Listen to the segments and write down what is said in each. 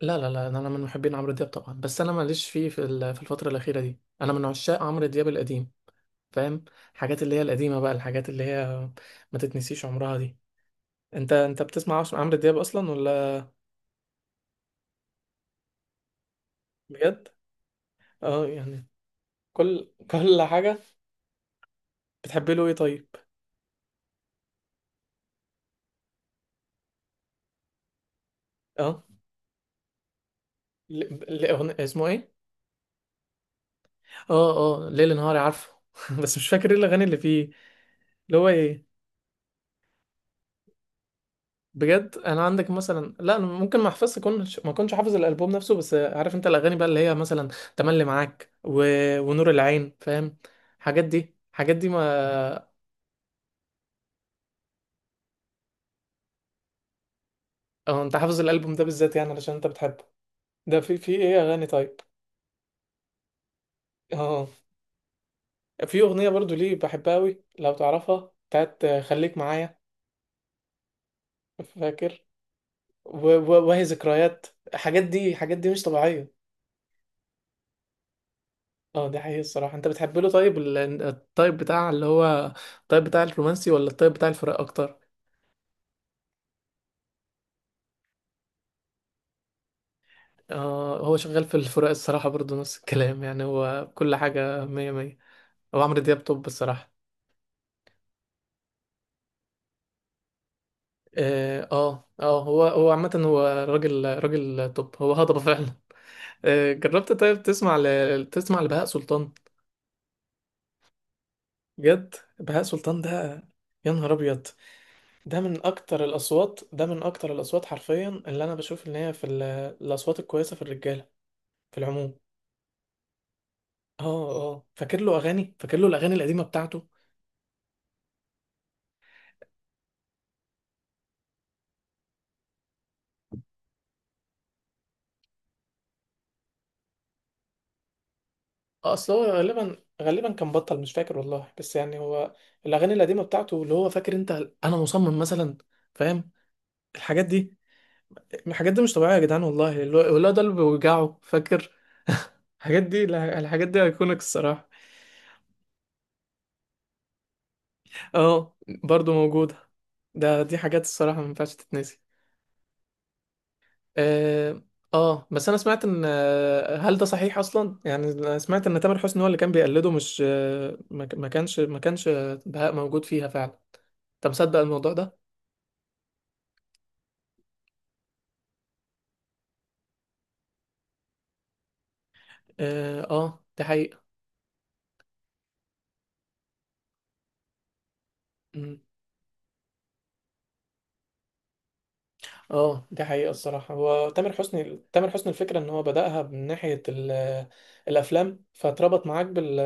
لا، لا، لا، انا من محبين عمرو دياب طبعا. بس انا ماليش فيه في الفتره الاخيره دي. انا من عشاق عمرو دياب القديم. فاهم؟ حاجات اللي هي القديمه بقى، الحاجات اللي هي ما تتنسيش عمرها دي. انت بتسمع عمرو دياب اصلا ولا؟ بجد؟ اه يعني. كل حاجه. بتحب له ايه طيب؟ اه. ل... اسمه ايه؟ اه. اه، ليل نهاري، عارفه. بس مش فاكر ايه الاغاني اللي فيه. اللي هو ايه؟ بجد؟ انا عندك مثلا، لا انا ممكن ما احفظش ما كنتش حافظ الالبوم نفسه، بس عارف انت الاغاني بقى اللي هي مثلا تملي معاك ونور العين. فاهم؟ الحاجات دي الحاجات دي ما... اه انت حافظ الالبوم ده بالذات يعني علشان انت بتحبه؟ ده في ايه اغاني طيب؟ اه. في اغنيه برضو ليه بحبها قوي، لو تعرفها، بتاعت خليك معايا. فاكر؟ وهي ذكريات. الحاجات دي الحاجات دي مش طبيعيه. اه دي حقيقة الصراحة. انت بتحب له طيب الطيب بتاع اللي هو الطيب بتاع الرومانسي ولا الطيب بتاع الفراق اكتر؟ هو شغال في الفراق الصراحة برضو نفس الكلام، يعني هو كل حاجة مية مية. هو عمرو دياب توب الصراحة. اه، اه، هو عامة، هو راجل راجل توب، هو هضبة فعلا. جربت طيب تسمع تسمع لبهاء سلطان؟ جد؟ بهاء سلطان ده يا نهار ابيض. ده من اكتر الاصوات، ده من اكتر الاصوات حرفيا اللي انا بشوف ان هي في الاصوات الكويسة في الرجالة، في العموم. اه. اه. فاكر له اغاني، فاكر له الاغاني القديمه بتاعته؟ اه، اصل هو غالبا غالبا كان بطل مش فاكر والله، بس يعني هو الاغاني القديمه بتاعته اللي هو فاكر انت. انا مصمم مثلا. فاهم؟ الحاجات دي الحاجات دي مش طبيعيه يا جدعان والله. اللي هو ده اللي بيوجعه، فاكر؟ الحاجات دي، لا، الحاجات دي ايكونيك الصراحه. اه، برضو موجوده. دي حاجات الصراحه ما ينفعش تتنسي. اه، آه، بس انا سمعت ان آه، هل ده صحيح اصلا يعني أنا سمعت ان تامر حسني هو اللي كان بيقلده مش آه، ما ما كانش ما كانش بهاء موجود فيها فعلا انت مصدق الموضوع ده اه دي حقيقة. مم. اه دي حقيقة الصراحة. هو تامر حسني، الفكرة ان هو بدأها من ناحية الافلام. فاتربط معاك بال...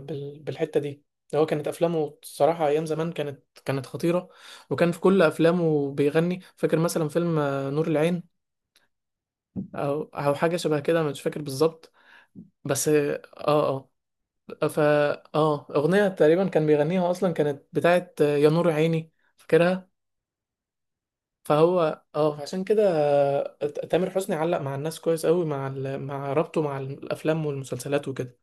بال... بالحتة دي. هو كانت افلامه الصراحة ايام زمان، كانت خطيرة. وكان في كل افلامه بيغني. فاكر مثلا فيلم نور العين؟ او حاجه شبه كده، مش فاكر بالظبط. بس اه اه فا اه اغنيه تقريبا كان بيغنيها اصلا، كانت بتاعت يا نور عيني. فاكرها. فهو عشان كده تامر حسني علق مع الناس كويس قوي مع مع ربطه مع الافلام والمسلسلات وكده.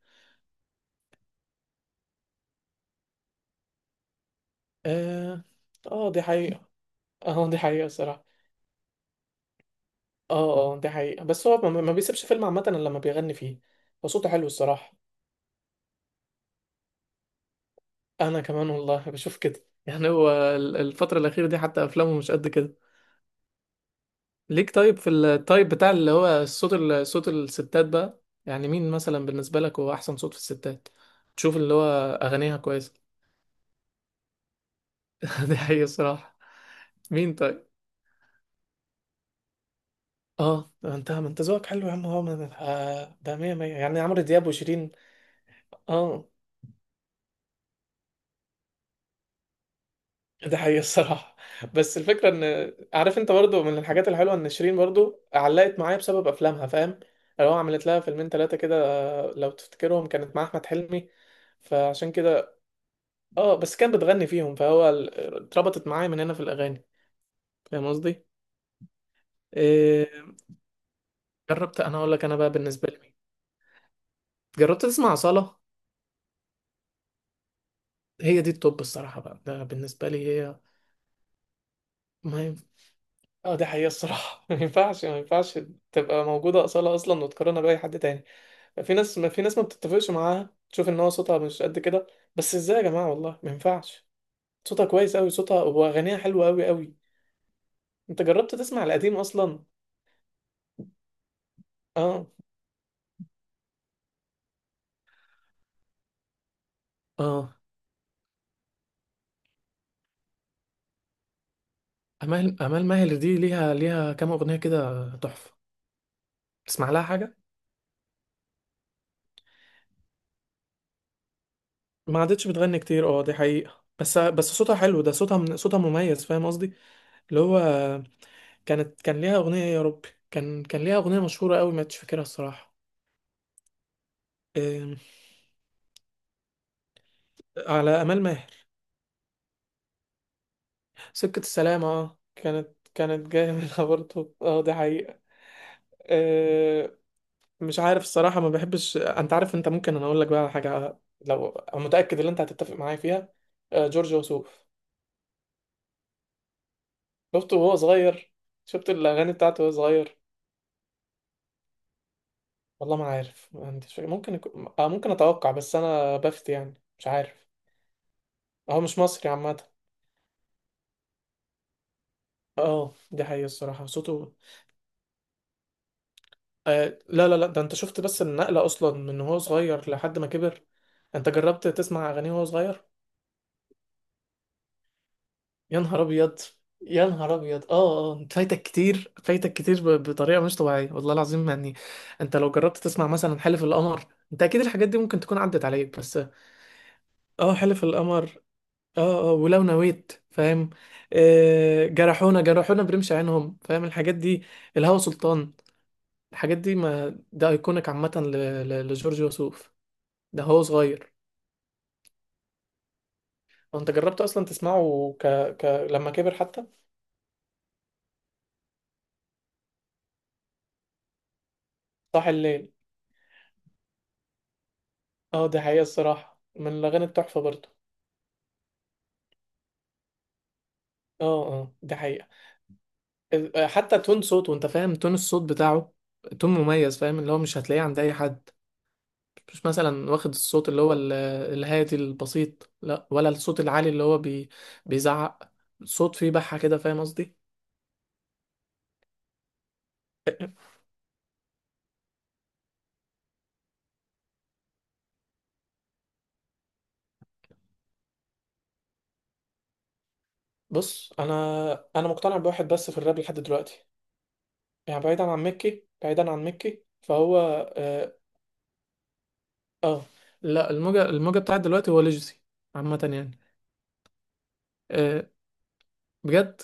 اه. اه دي حقيقه. اه دي حقيقه الصراحه. اه، اه دي حقيقه. بس هو ما بيسيبش فيلم عامه الا لما بيغني فيه. وصوته حلو الصراحه. انا كمان والله بشوف كده. يعني هو الفتره الاخيره دي حتى افلامه مش قد كده. ليك طيب في التايب بتاع اللي هو الصوت، صوت الستات بقى، يعني مين مثلا بالنسبة لك هو أحسن صوت في الستات؟ تشوف اللي هو أغانيها كويسة. دي حقيقة الصراحة. مين طيب؟ اه، ده انت ما انت ذوقك حلو يا عم. هو ده مية مية يعني، عمرو دياب وشيرين. اه ده حقيقة الصراحة. بس الفكرة ان عارف انت برضو، من الحاجات الحلوة ان شيرين برضو علقت معايا بسبب افلامها. فاهم؟ لو عملت لها فيلمين ثلاثة كده، لو تفتكرهم، كانت مع احمد حلمي. فعشان كده اه، بس كان بتغني فيهم، فهو اتربطت معايا من هنا في الاغاني. فاهم قصدي؟ إيه؟ جربت؟ انا اقول لك انا بقى بالنسبه لي مين. جربت تسمع أصالة؟ هي دي التوب الصراحه بقى، ده بالنسبه لي هي. ما ينف... اه دي حقيقه الصراحه. ما ينفعش، ما ينفعش تبقى موجوده أصالة اصلا وتقارنها باي حد تاني. في ناس، ما في ناس ما بتتفقش معاها، تشوف ان هو صوتها مش قد كده. بس ازاي يا جماعه والله، ما ينفعش. صوتها كويس قوي، صوتها واغانيها حلوه قوي قوي. انت جربت تسمع القديم اصلا؟ اه. اه. امال ماهر دي ليها كام اغنيه كده تحفه. تسمع لها حاجه؟ ما عادتش بتغني كتير، اه دي حقيقه. بس صوتها حلو، ده صوتها صوتها مميز، فاهم قصدي؟ اللي هو كانت ليها اغنيه يا رب. كان ليها اغنيه مشهوره قوي، ما عادش فاكرها الصراحه. أم، على امال ماهر. سكه السلامه، اه كانت جايه منها برضه. اه دي حقيقه. آه، مش عارف الصراحة، ما بحبش. انت عارف، انت ممكن انا اقول لك بقى على حاجة، لو أنا متأكد ان انت هتتفق معايا فيها. جورج وسوف. شفته وهو صغير؟ شفت الاغاني بتاعته وهو صغير؟ والله ما عارف، ما عنديش فكرة. ممكن يكون- آه، ممكن اتوقع، بس انا بفتي يعني، مش عارف. هو مش مصري عامة. اه دي حقيقة الصراحة، صوته. لا، لا، لا، ده انت شفت بس النقلة اصلا من وهو صغير لحد ما كبر. انت جربت تسمع اغانيه وهو صغير؟ يا نهار ابيض، يا نهار ابيض. اه، اه، انت فايتك كتير، فايتك كتير بطريقه مش طبيعيه والله العظيم يعني. انت لو جربت تسمع مثلا حلف القمر. انت اكيد الحاجات دي ممكن تكون عدت عليك، بس. اه، حلف القمر. اه، اه، ولو نويت، فاهم؟ جرحونا، جرحونا برمش عينهم. فاهم الحاجات دي؟ الهوى سلطان. الحاجات دي، ما ده ايكونيك عامه لجورج وسوف. ده هو صغير. هو انت جربت اصلا تسمعه ك... لما كبر حتى؟ صاح الليل. اه دي حقيقه الصراحه، من الاغاني التحفه برضه. اه. اه دي حقيقة. حتى تون صوته، انت فاهم؟ تون الصوت بتاعه تون مميز، فاهم؟ اللي هو مش هتلاقيه عند اي حد. مش مثلا واخد الصوت اللي هو الهادي البسيط، لا، ولا الصوت العالي اللي هو بيزعق. صوت فيه بحة كده، فاهم قصدي؟ بص انا، مقتنع بواحد بس في الراب لحد دلوقتي، يعني بعيدا عن ميكي، بعيدا عن ميكي، فهو... اه, آه لا، الموجة بتاعت دلوقتي هو ليجسي عامة يعني. آه بجد؟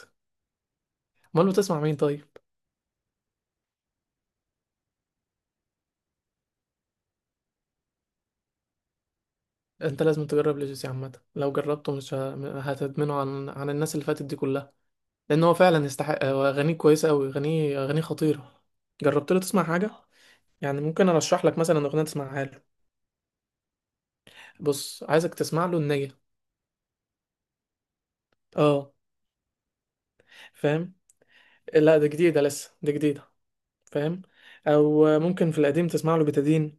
امال بتسمع مين طيب؟ انت لازم تجرب ليجاسي عامه، لو جربته مش هتدمنه عن الناس اللي فاتت دي كلها. لان هو فعلا يستحق، هو اغانيه كويسه قوي، اغانيه خطيره. جربت له تسمع حاجه؟ يعني ممكن ارشح لك مثلا اغنيه تسمعها له. بص عايزك تسمع له النية. اه، فاهم؟ لا، ده جديده لسه، دي جديده. فاهم؟ او ممكن في القديم تسمع له بتادين.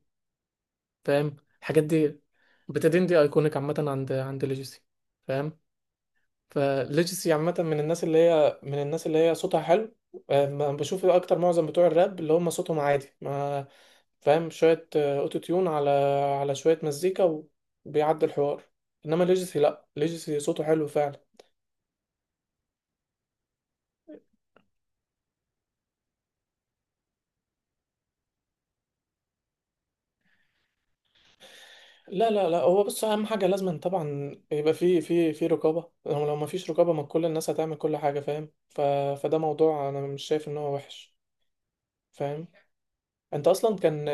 فاهم الحاجات دي؟ بتادين دي ايكونيك عامه عند ليجاسي. فاهم؟ فليجسي عامة من الناس اللي هي، صوتها حلو. ما بشوف إيه، اكتر معظم بتوع الراب اللي هم صوتهم عادي، ما فاهم، شوية اوتو تيون على شوية مزيكا، وبيعدي الحوار. انما ليجسي، لا، ليجسي صوته حلو فعلا. لا، لا، لا، هو بص، اهم حاجة لازم طبعا يبقى في رقابة. لو ما فيش رقابة، ما كل الناس هتعمل كل حاجة. فاهم؟ فده موضوع انا مش شايف ان هو وحش. فاهم؟ انت اصلا كان...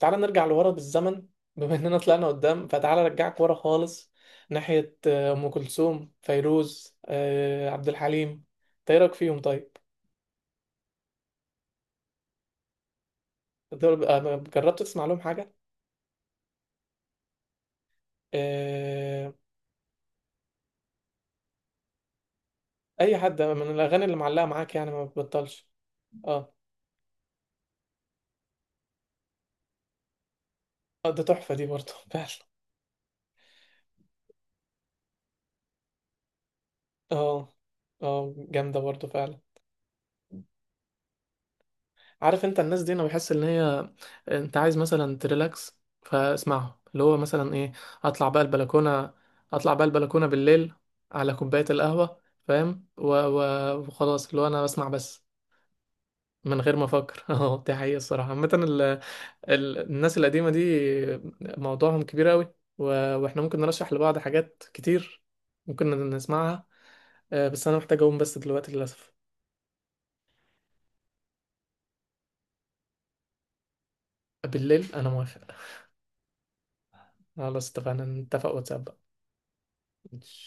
تعالى نرجع لورا بالزمن. بما اننا طلعنا قدام، فتعالى ارجعك ورا خالص، ناحية ام كلثوم، فيروز، عبد الحليم. انت ايه رايك فيهم طيب؟ جربت تسمع لهم حاجة؟ آه، اي حد من الاغاني اللي معلقة معاك يعني ما بتبطلش. اه، ده تحفة دي برضه فعلا. اه. اه جامدة برضه فعلا. عارف انت الناس دي انا بحس ان هي... انت عايز مثلا تريلاكس، فاسمعه اللي هو مثلا ايه. اطلع بقى البلكونه، اطلع بقى البلكونه بالليل، على كوبايه القهوه. فاهم؟ وخلاص، اللي هو انا بسمع بس من غير ما افكر. اه دي حقيقه الصراحه عامه، الناس القديمه دي موضوعهم كبير قوي، واحنا ممكن نرشح لبعض حاجات كتير، ممكن نسمعها. بس انا محتاج اقوم بس دلوقتي للاسف. بالليل انا موافق. خلاص، اتفقنا نتفق واتساب بقى.